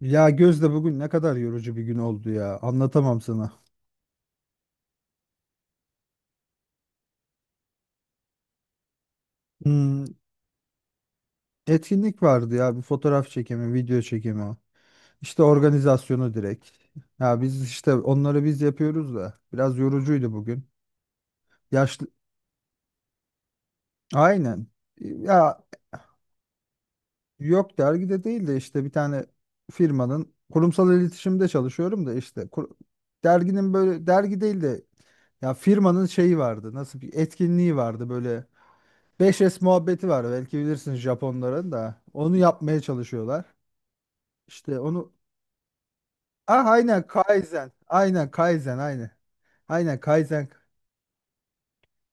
Ya Gözde bugün ne kadar yorucu bir gün oldu ya. Anlatamam sana. Hmm, etkinlik vardı ya. Bir fotoğraf çekimi, video çekimi. İşte organizasyonu direkt. Ya biz işte onları biz yapıyoruz da. Biraz yorucuydu bugün. Yaşlı... Aynen. Ya yok dergide değil de işte bir tane firmanın kurumsal iletişimde çalışıyorum da derginin böyle dergi değil de ya firmanın şeyi vardı. Nasıl bir etkinliği vardı böyle. Beş s muhabbeti var belki bilirsin Japonların da. Onu yapmaya çalışıyorlar. İşte onu ah aynen Kaizen. Aynen Kaizen aynen. Aynen Kaizen.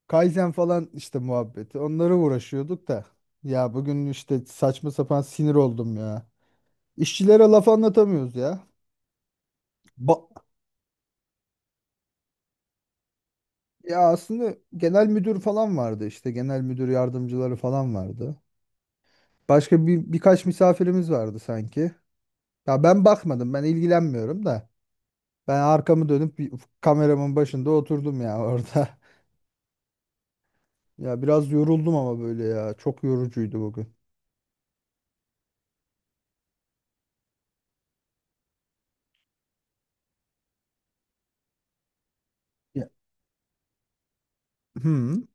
Kaizen falan işte muhabbeti. Onlara uğraşıyorduk da. Ya bugün işte saçma sapan sinir oldum ya. İşçilere laf anlatamıyoruz ya. Ba- Ya aslında genel müdür falan vardı işte. Genel müdür yardımcıları falan vardı. Başka bir birkaç misafirimiz vardı sanki. Ya ben bakmadım, ben ilgilenmiyorum da. Ben arkamı dönüp bir- Kameramın başında oturdum ya orada. Ya biraz yoruldum ama böyle ya. Çok yorucuydu bugün. Ya, hmm,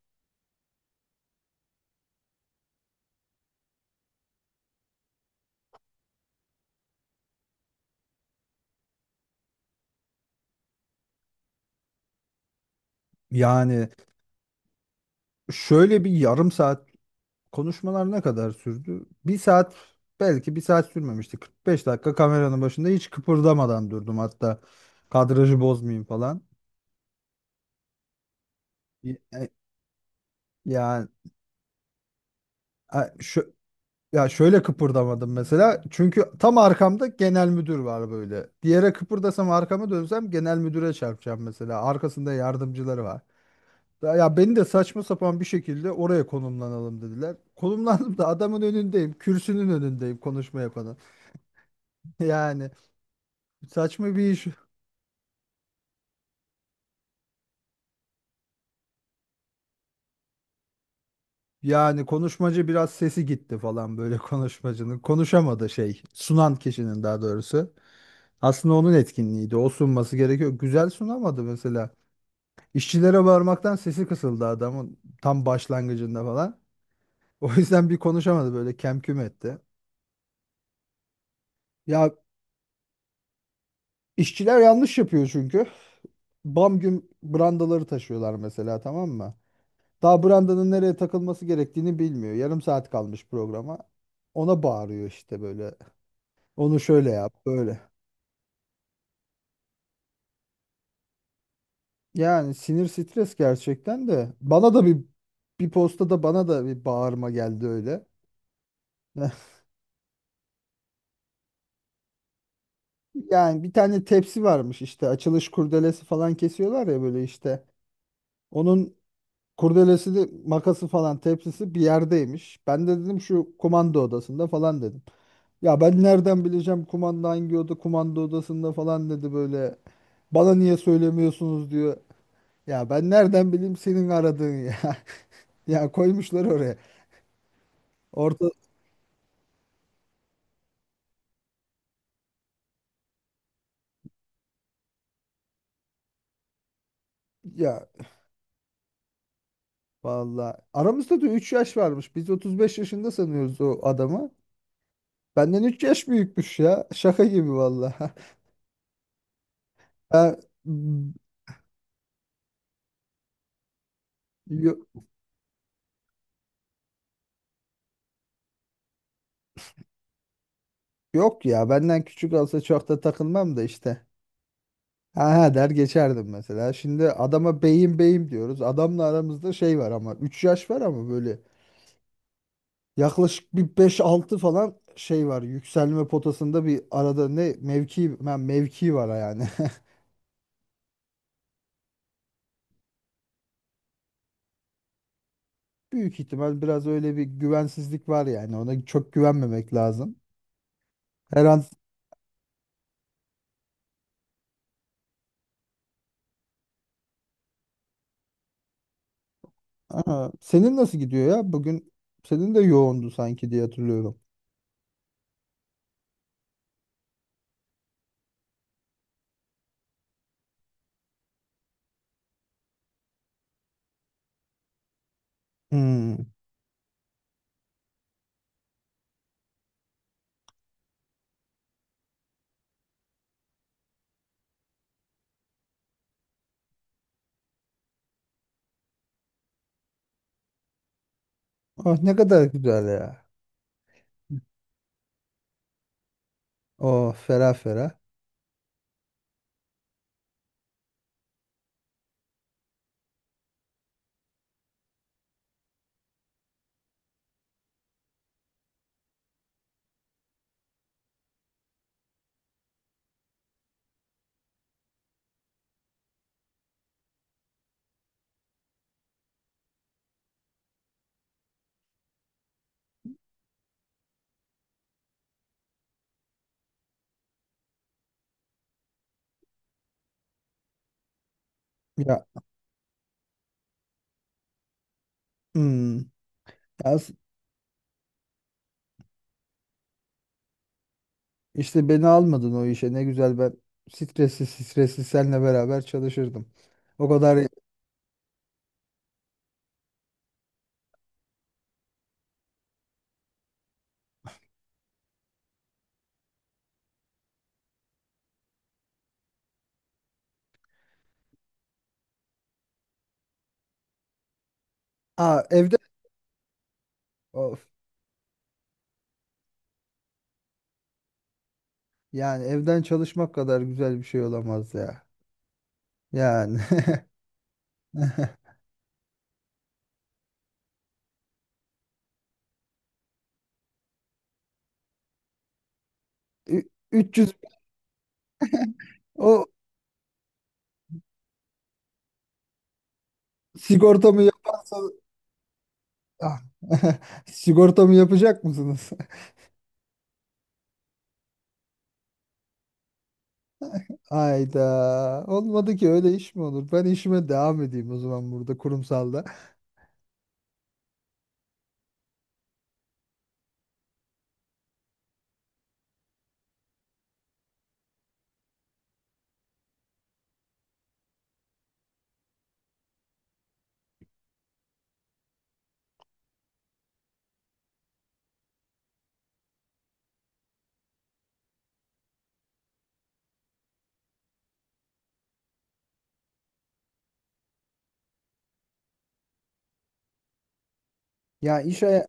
yani şöyle bir yarım saat, konuşmalar ne kadar sürdü? Bir saat, belki bir saat sürmemişti. 45 dakika kameranın başında hiç kıpırdamadan durdum hatta. Kadrajı bozmayayım falan. Ya- Yani, ya şöyle kıpırdamadım mesela. Çünkü tam arkamda genel müdür var böyle. Diğere kıpırdasam arkama dönsem genel müdüre çarpacağım mesela. Arkasında yardımcıları var. Ya ya beni de saçma sapan bir şekilde oraya konumlanalım dediler. Konumlandım da adamın önündeyim. Kürsünün önündeyim konuşma yapanın. Yani saçma bir iş. Yani konuşmacı biraz sesi gitti falan böyle konuşmacının. Konuşamadı şey. Sunan kişinin daha doğrusu. Aslında onun etkinliğiydi. O sunması gerekiyor. Güzel sunamadı mesela. İşçilere bağırmaktan sesi kısıldı adamın tam başlangıcında falan. O yüzden bir konuşamadı böyle kem küm etti. Ya işçiler yanlış yapıyor çünkü. Bam güm brandaları taşıyorlar mesela, tamam mı? Daha brandanın nereye takılması gerektiğini bilmiyor. Yarım saat kalmış programa. Ona bağırıyor işte böyle. Onu şöyle yap böyle. Yani sinir stres gerçekten de. Bana da bir, postada bana da bir bağırma geldi öyle. Yani bir tane tepsi varmış işte, açılış kurdelesi falan kesiyorlar ya böyle işte. Onun kurdelesi de makası falan tepsisi bir yerdeymiş. Ben de dedim şu kumanda odasında falan dedim. Ya ben nereden bileceğim kumanda hangi oda, kumanda odasında falan dedi böyle. Bana niye söylemiyorsunuz diyor. Ya ben nereden bileyim senin aradığın ya. Ya koymuşlar oraya. Orta, ya vallahi aramızda da 3 yaş varmış. Biz 35 yaşında sanıyoruz o adamı. Benden 3 yaş büyükmüş ya. Şaka gibi vallahi. Ben- yo- Yok ya, benden küçük olsa çok da takılmam da işte. Ha ha der geçerdim mesela. Şimdi adama beyim beyim diyoruz. Adamla aramızda şey var, ama 3 yaş var ama böyle yaklaşık bir beş altı falan şey var. Yükselme potasında bir arada ne mevki, ben mevki var yani. Büyük ihtimal biraz öyle bir güvensizlik var yani. Ona çok güvenmemek lazım. Her an. Aa, senin nasıl gidiyor ya? Bugün senin de yoğundu sanki diye hatırlıyorum. Hmm. Oh, ne kadar güzel ya. Oh ferah ferah. Ya, hmm. Ya s- işte beni almadın o işe. Ne güzel, ben stresli stresli seninle beraber çalışırdım. O kadar. Aa, evde, of, yani evden çalışmak kadar güzel bir şey olamaz ya. Yani 300, o sigortamı yaparsa. Ah, sigortamı yapacak mısınız? Ayda olmadı ki öyle iş mi olur? Ben işime devam edeyim o zaman burada kurumsalda. Ya iş haya-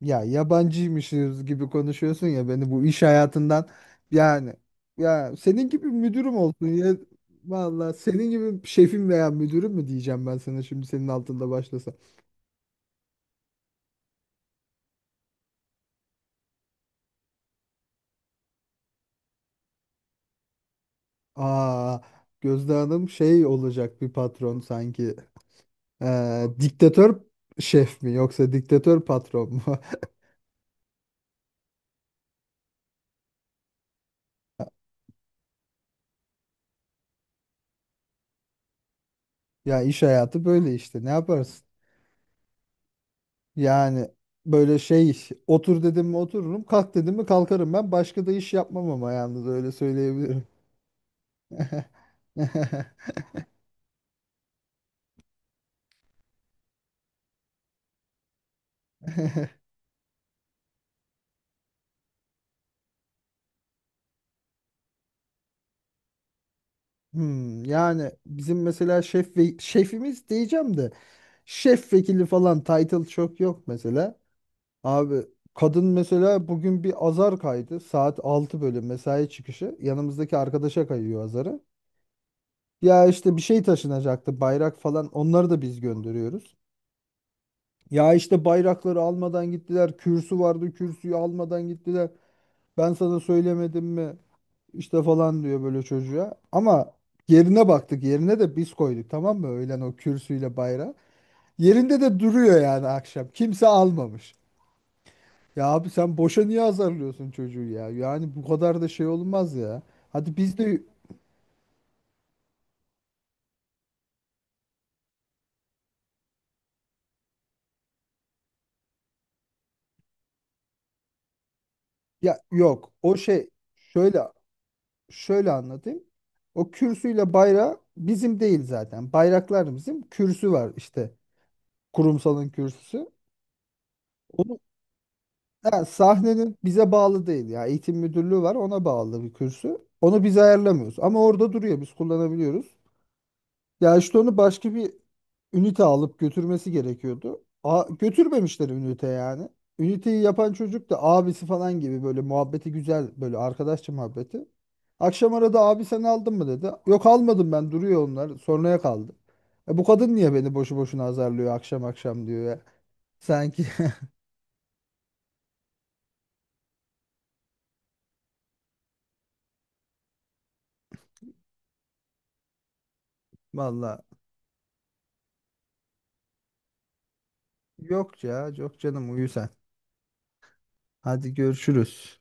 Ya yabancıymışız gibi konuşuyorsun ya, beni bu iş hayatından, yani ya senin gibi müdürüm olsun ya. Vallahi senin gibi şefim veya müdürüm mü diyeceğim ben sana şimdi senin altında başlasam. Aa, Gözde Hanım şey olacak, bir patron sanki. Diktatör şef mi yoksa diktatör patron mu? Ya iş hayatı böyle işte, ne yaparsın? Yani böyle şey, otur dedim mi otururum, kalk dedim mi kalkarım ben. Başka da iş yapmam ama yalnız, öyle söyleyebilirim. Hmm, yani bizim mesela şef ve şefimiz diyeceğim de, şef vekili falan title çok yok mesela. Abi kadın mesela bugün bir azar kaydı. Saat 6 böyle mesai çıkışı. Yanımızdaki arkadaşa kayıyor azarı. Ya işte bir şey taşınacaktı, bayrak falan, onları da biz gönderiyoruz. Ya işte bayrakları almadan gittiler. Kürsü vardı, kürsüyü almadan gittiler. Ben sana söylemedim mi? İşte falan diyor böyle çocuğa. Ama yerine baktık. Yerine de biz koyduk tamam mı? Öğlen o kürsüyle bayrağı. Yerinde de duruyor yani akşam. Kimse almamış. Ya abi sen boşa niye azarlıyorsun çocuğu ya? Yani bu kadar da şey olmaz ya. Hadi biz de, ya yok. O şey şöyle Şöyle anlatayım. O kürsüyle bayrağı bizim değil zaten. Bayraklar bizim. Kürsü var işte, kurumsalın kürsüsü. Onu, ha, sahnenin, bize bağlı değil ya. Eğitim müdürlüğü var, ona bağlı bir kürsü. Onu biz ayarlamıyoruz ama orada duruyor, biz kullanabiliyoruz. Ya işte onu başka bir ünite alıp götürmesi gerekiyordu. A, götürmemişler ünite yani. Üniteyi yapan çocuk da abisi falan gibi böyle, muhabbeti güzel, böyle arkadaşça muhabbeti. Akşam arada abi sen aldın mı dedi. Yok almadım ben, duruyor, onlar sonraya kaldı. Bu kadın niye beni boşu boşuna azarlıyor akşam akşam diyor ya. Sanki valla. Yok ya, yok canım uyu sen. Hadi görüşürüz.